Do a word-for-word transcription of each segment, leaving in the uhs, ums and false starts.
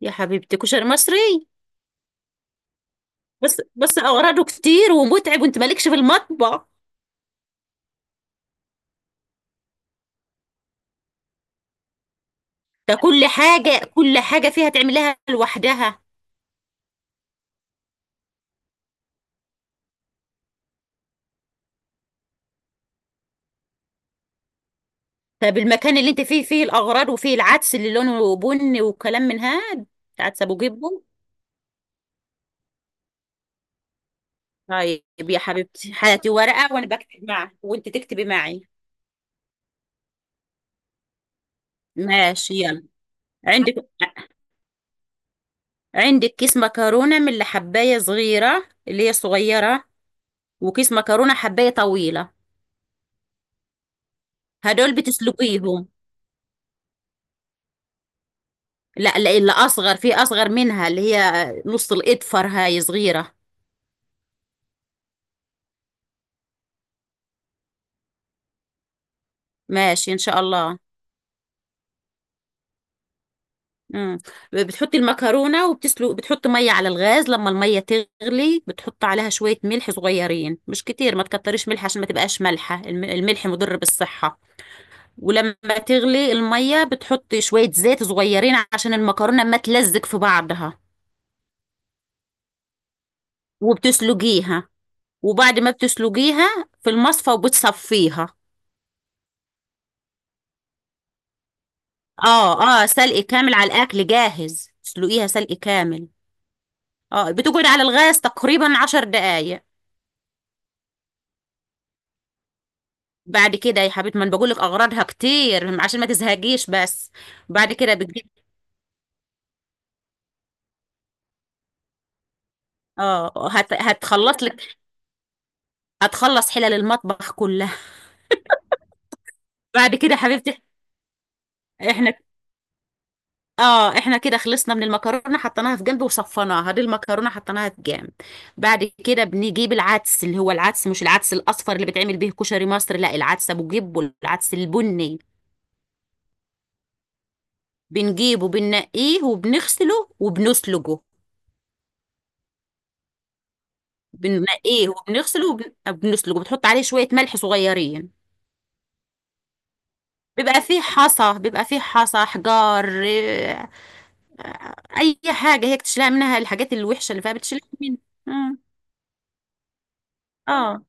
يا حبيبتي، كشري مصري. بس بس اغراضه كتير ومتعب، وانت مالكش في المطبخ. ده كل حاجه كل حاجه فيها تعملها لوحدها. طب المكان اللي انت فيه فيه الاغراض، وفيه العدس اللي لونه بني وكلام من هاد. عدس ابو جبه. طيب. يا حبيبتي، هاتي ورقه وانا بكتب معك وانت تكتبي معي. ماشي، يلا. عندك عندك كيس مكرونه من اللي حبايه صغيره، اللي هي صغيره، وكيس مكرونه حبايه طويله. هدول بتسلقيهم. لا لا، اللي اصغر، في اصغر منها، اللي هي نص الاظفر، هاي صغيره. ماشي ان شاء الله. امم. بتحطي المكرونه وبتسلق، بتحط ميه على الغاز، لما الميه تغلي بتحط عليها شويه ملح صغيرين، مش كتير، ما تكتريش ملح عشان ما تبقاش مالحه. الم- الملح مضر بالصحه. ولما تغلي الميه بتحطي شويه زيت صغيرين عشان المكرونه ما تلزق في بعضها. وبتسلقيها. وبعد ما بتسلقيها في المصفى وبتصفيها. اه اه، سلق كامل، على الاكل جاهز، تسلقيها سلق كامل. اه، بتقعد على الغاز تقريبا عشر دقايق. بعد كده يا حبيبتي، ما انا بقول لك اغراضها كتير عشان ما تزهقيش، بس بعد كده بتجيب. اه، هت... هتخلص لك، هتخلص حلل المطبخ كلها. بعد كده يا حبيبتي احنا اه احنا كده خلصنا من المكرونه، حطيناها في جنب وصفناها، دي المكرونه حطيناها في جنب. بعد كده بنجيب العدس، اللي هو العدس، مش العدس الاصفر اللي بتعمل بيه كشري مصر، لا، العدس ابو جيب والعدس البني. بنجيبه، بننقيه وبنغسله وبنسلجه. بننقيه وبنغسله وبنسلجه، بتحط عليه شوية ملح صغيرين. بيبقى فيه حصى، بيبقى فيه حصى، حجار، إيه، اي حاجة هيك تشيلها منها، الحاجات الوحشة اللي فيها بتشيلها منها. مم. اه.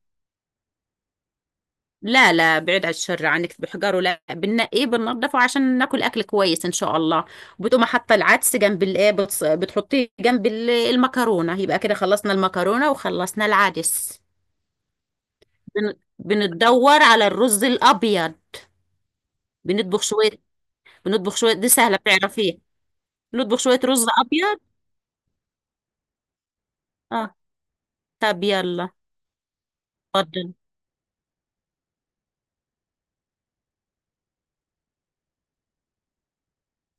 لا لا، بعيد عن الشر عنك بحجاره، لا، بننقيه بننضفه عشان ناكل اكل كويس ان شاء الله. وبتقوم حاطه العدس جنب الايه، بتص... بتحطيه جنب ال- المكرونه، يبقى كده خلصنا المكرونه وخلصنا العدس. بن- بنتدور على الرز الابيض. بنطبخ شويه. بنطبخ شويه، دي سهله بتعرفيها. بنطبخ شويه رز ابيض. اه، طب يلا. اتفضل.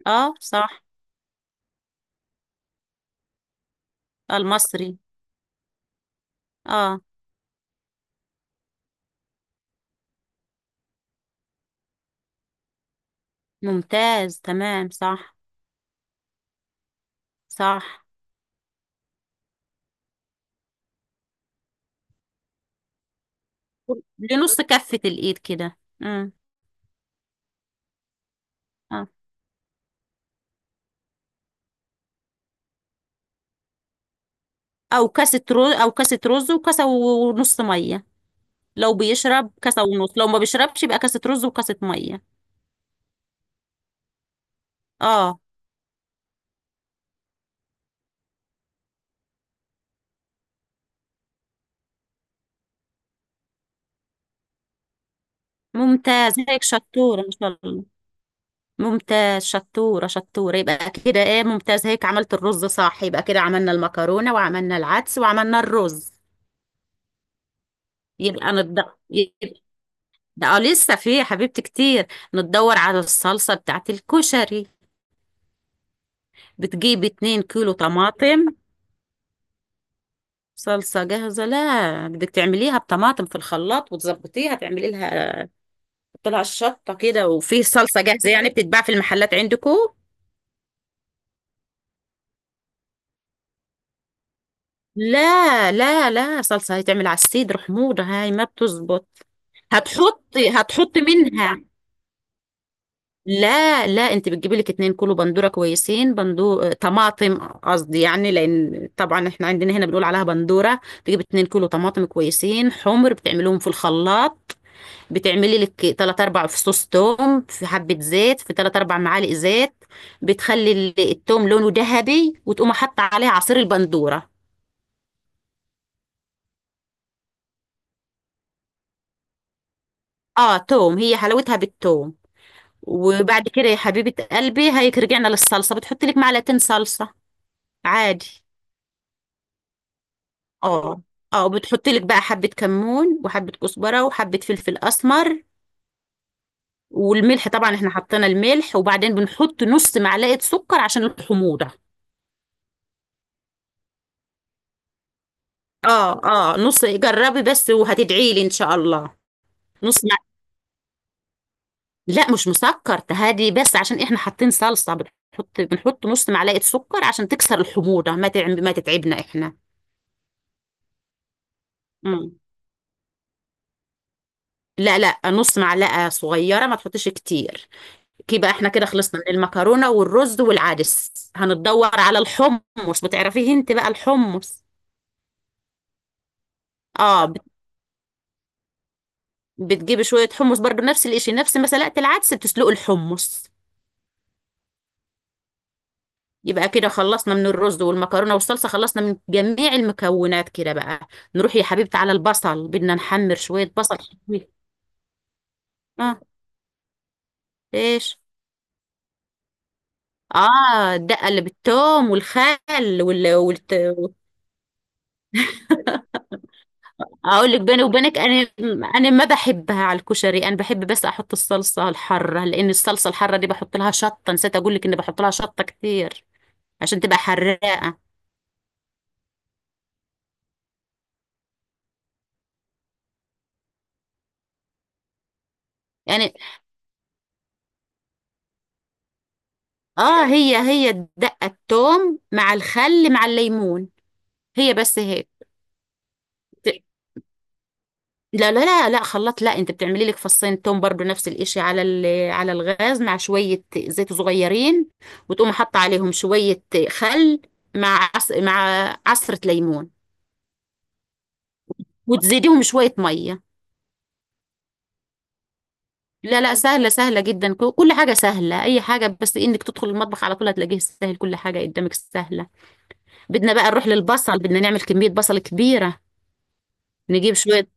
اه، صح. المصري. اه. ممتاز، تمام، صح. صح، لنص كفه الايد كده. امم اه. او كاسه رز او كاسه رز وكاسه ونص ميه، لو بيشرب كاسه ونص، لو ما بيشربش يبقى كاسه رز وكاسه ميه. اه، ممتاز، هيك شطوره ما شاء الله. ممتاز، شطورة شطورة، يبقى كده ايه، ممتاز، هيك عملت الرز صح، يبقى كده عملنا المكرونة وعملنا العدس وعملنا الرز. يبقى نض يبقى ده لسه في يا حبيبتي كتير. نتدور على الصلصة بتاعت الكشري. بتجيب اتنين كيلو طماطم. صلصة جاهزة؟ لا، بدك تعمليها بطماطم في الخلاط وتظبطيها، تعملي لها طلع الشطة كده. وفي صلصة جاهزة يعني بتتباع في المحلات عندكم؟ لا لا لا، صلصة هيتعمل على السيد حموضة هاي ما بتزبط. هتحطي هتحطي منها. لا لا، انت بتجيبي لك اتنين كيلو بندوره كويسين، بندو طماطم قصدي، يعني لان طبعا احنا عندنا هنا بنقول عليها بندوره. تجيب اتنين كيلو طماطم كويسين حمر، بتعمليهم في الخلاط. بتعملي لك تلات اربع فصوص توم في حبه زيت، في تلات اربع معالق زيت. بتخلي ال- التوم لونه ذهبي، وتقوم حاطه عليه عصير البندوره. اه، توم، هي حلاوتها بالتوم. وبعد كده يا حبيبه قلبي، هيك رجعنا للصلصه، بتحطي لك معلقتين صلصه عادي. اه اه، بتحط لك بقى حبة كمون وحبة كزبرة وحبة فلفل اسمر، والملح طبعا احنا حطينا الملح. وبعدين بنحط نص معلقة سكر عشان الحموضة. اه اه، نص، جربي بس وهتدعي لي ان شاء الله. نص مع... لا، مش مسكر، تهادي بس عشان احنا حاطين صلصة، بنحط بنحط نص معلقة سكر عشان تكسر الحموضة، ما تعب ما تتعبنا احنا. مم. لا لا، نص معلقة صغيرة، ما تحطيش كتير. كيبقى احنا كده خلصنا من المكرونة والرز والعدس. هنتدور على الحمص، بتعرفيه انت بقى الحمص. اه، بت- بتجيبي شوية حمص برضو نفس الاشي، نفس ما سلقت العدس بتسلقي الحمص. يبقى كده خلصنا من الرز والمكرونة والصلصة، خلصنا من جميع المكونات كده بقى. نروح يا حبيبتي على البصل، بدنا نحمر شوية بصل. حلوين. اه. ايش؟ اه، الدقة اللي بالثوم والخل وال... والت... اقول لك بيني وبينك انا انا ما بحبها على الكشري، انا بحب بس احط الصلصه الحاره، لان الصلصه الحاره دي بحط لها شطه، نسيت اقول لك اني بحط لها شطه كتير عشان تبقى حراقه. يعني اه هي هي دقه الثوم مع الخل مع الليمون، هي بس هيك. ت- لا لا لا لا، خلاط لا، انت بتعملي لك فصين توم برضو نفس الاشي، على ال- على الغاز مع شويه زيت صغيرين، وتقوم حاطه عليهم شويه خل مع عص... مع عصره ليمون، وتزيديهم شويه ميه. لا لا، سهلة سهلة جدا، ك- كل حاجة سهلة، أي حاجة، بس إنك تدخل المطبخ على طول هتلاقيه سهل، كل حاجة قدامك سهلة. بدنا بقى نروح للبصل، بدنا نعمل كمية بصل كبيرة. نجيب شوية.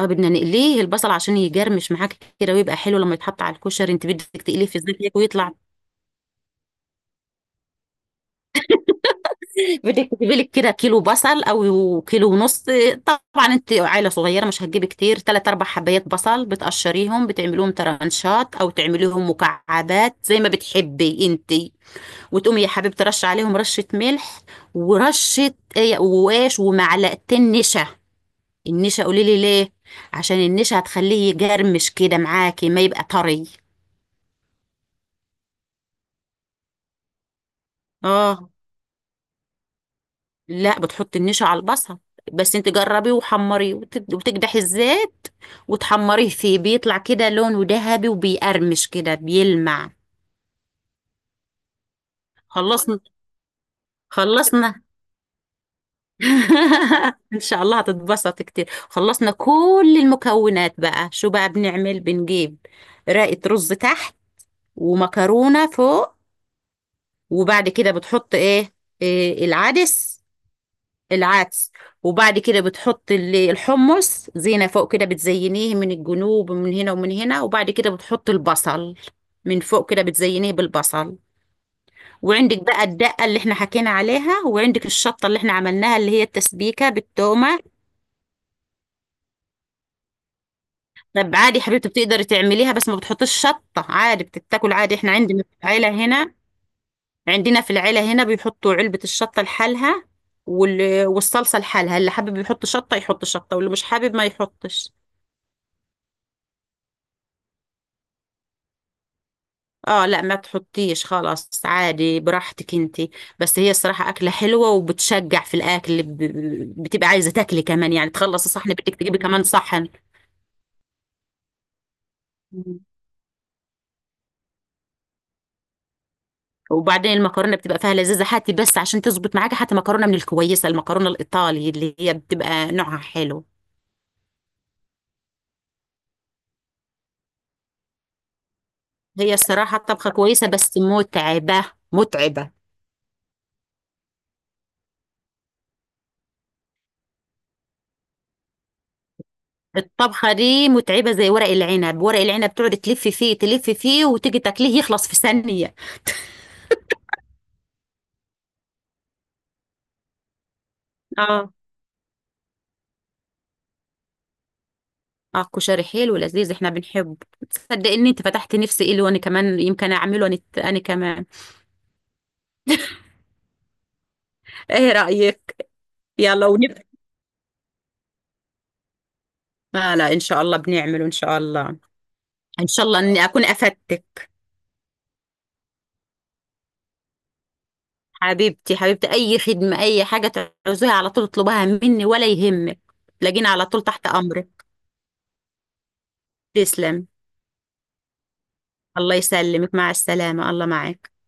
اه، بدنا نقليه البصل عشان يجرمش معاك كده ويبقى حلو لما يتحط على الكشري، انت بدك تقليه في الزيت هيك ويطلع. بدك تجيبي لك كده كيلو بصل او كيلو ونص، طبعا انت عائله صغيره مش هتجيبي كتير، ثلاث اربع حبايات بصل، بتقشريهم بتعمليهم ترانشات او تعمليهم مكعبات زي ما بتحبي انت، وتقومي يا حبيبتي ترش عليهم رشة ملح ورشة ايه قواش ومعلقتين نشا. النشا قولي لي ليه؟ عشان النشا هتخليه يجرمش كده معاكي، ما يبقى طري. اه. لا، بتحطي النشا على البصل، بس انت جربيه وحمريه وت- وتكدحي الزيت وتحمريه فيه، بيطلع كده لونه ذهبي وبيقرمش كده، بيلمع. خلصنا. خلصنا. ان شاء الله هتتبسط كتير. خلصنا كل المكونات بقى، شو بقى بنعمل؟ بنجيب رقة رز تحت ومكرونة فوق، وبعد كده بتحط ايه؟ إيه؟ العدس. العدس. وبعد كده بتحط ال- الحمص زينة فوق كده، بتزينيه من الجنوب ومن هنا ومن هنا، وبعد كده بتحط البصل من فوق كده، بتزينيه بالبصل. وعندك بقى الدقة اللي احنا حكينا عليها، وعندك الشطة اللي احنا عملناها اللي هي التسبيكة بالتومة. طب عادي حبيبتي، بتقدري تعمليها بس ما بتحطيش شطة، عادي بتتاكل. عادي احنا عندنا في العيلة هنا، عندنا في العيلة هنا بيحطوا علبة الشطة لحالها وال... والصلصة لحالها، اللي حابب يحط شطة يحط شطة، واللي مش حابب ما يحطش. اه، لا، ما تحطيش، خلاص عادي براحتك انتي. بس هي الصراحة أكلة حلوة وبتشجع في الأكل، ب... بتبقى عايزة تاكلي كمان، يعني تخلصي صحن بدك تجيبي كمان صحن. وبعدين المكرونه بتبقى فيها لذيذه، هاتي بس عشان تظبط معاك، هاتي مكرونه من الكويسه، المكرونه الايطالي اللي هي بتبقى نوعها حلو. هي الصراحه الطبخه كويسه بس متعبه متعبه. الطبخه دي متعبه زي ورق العنب، ورق العنب تقعد تلف فيه تلف فيه وتيجي تاكليه يخلص في ثانيه. اه اه، كشري حلو لذيذ احنا بنحبه. تصدق ان انت فتحت نفسي ايه، وانا كمان يمكن اعمله انا، انا كمان. ايه رايك؟ يلا ونبقى. لا لا، ان شاء الله بنعمله، ان شاء الله. ان شاء الله اني اكون افدتك. حبيبتي حبيبتي، اي خدمه اي حاجه تعوزيها على طول اطلبها مني ولا يهمك، تلاقيني على طول تحت امرك. تسلم. الله يسلمك، مع السلامه، الله معاك.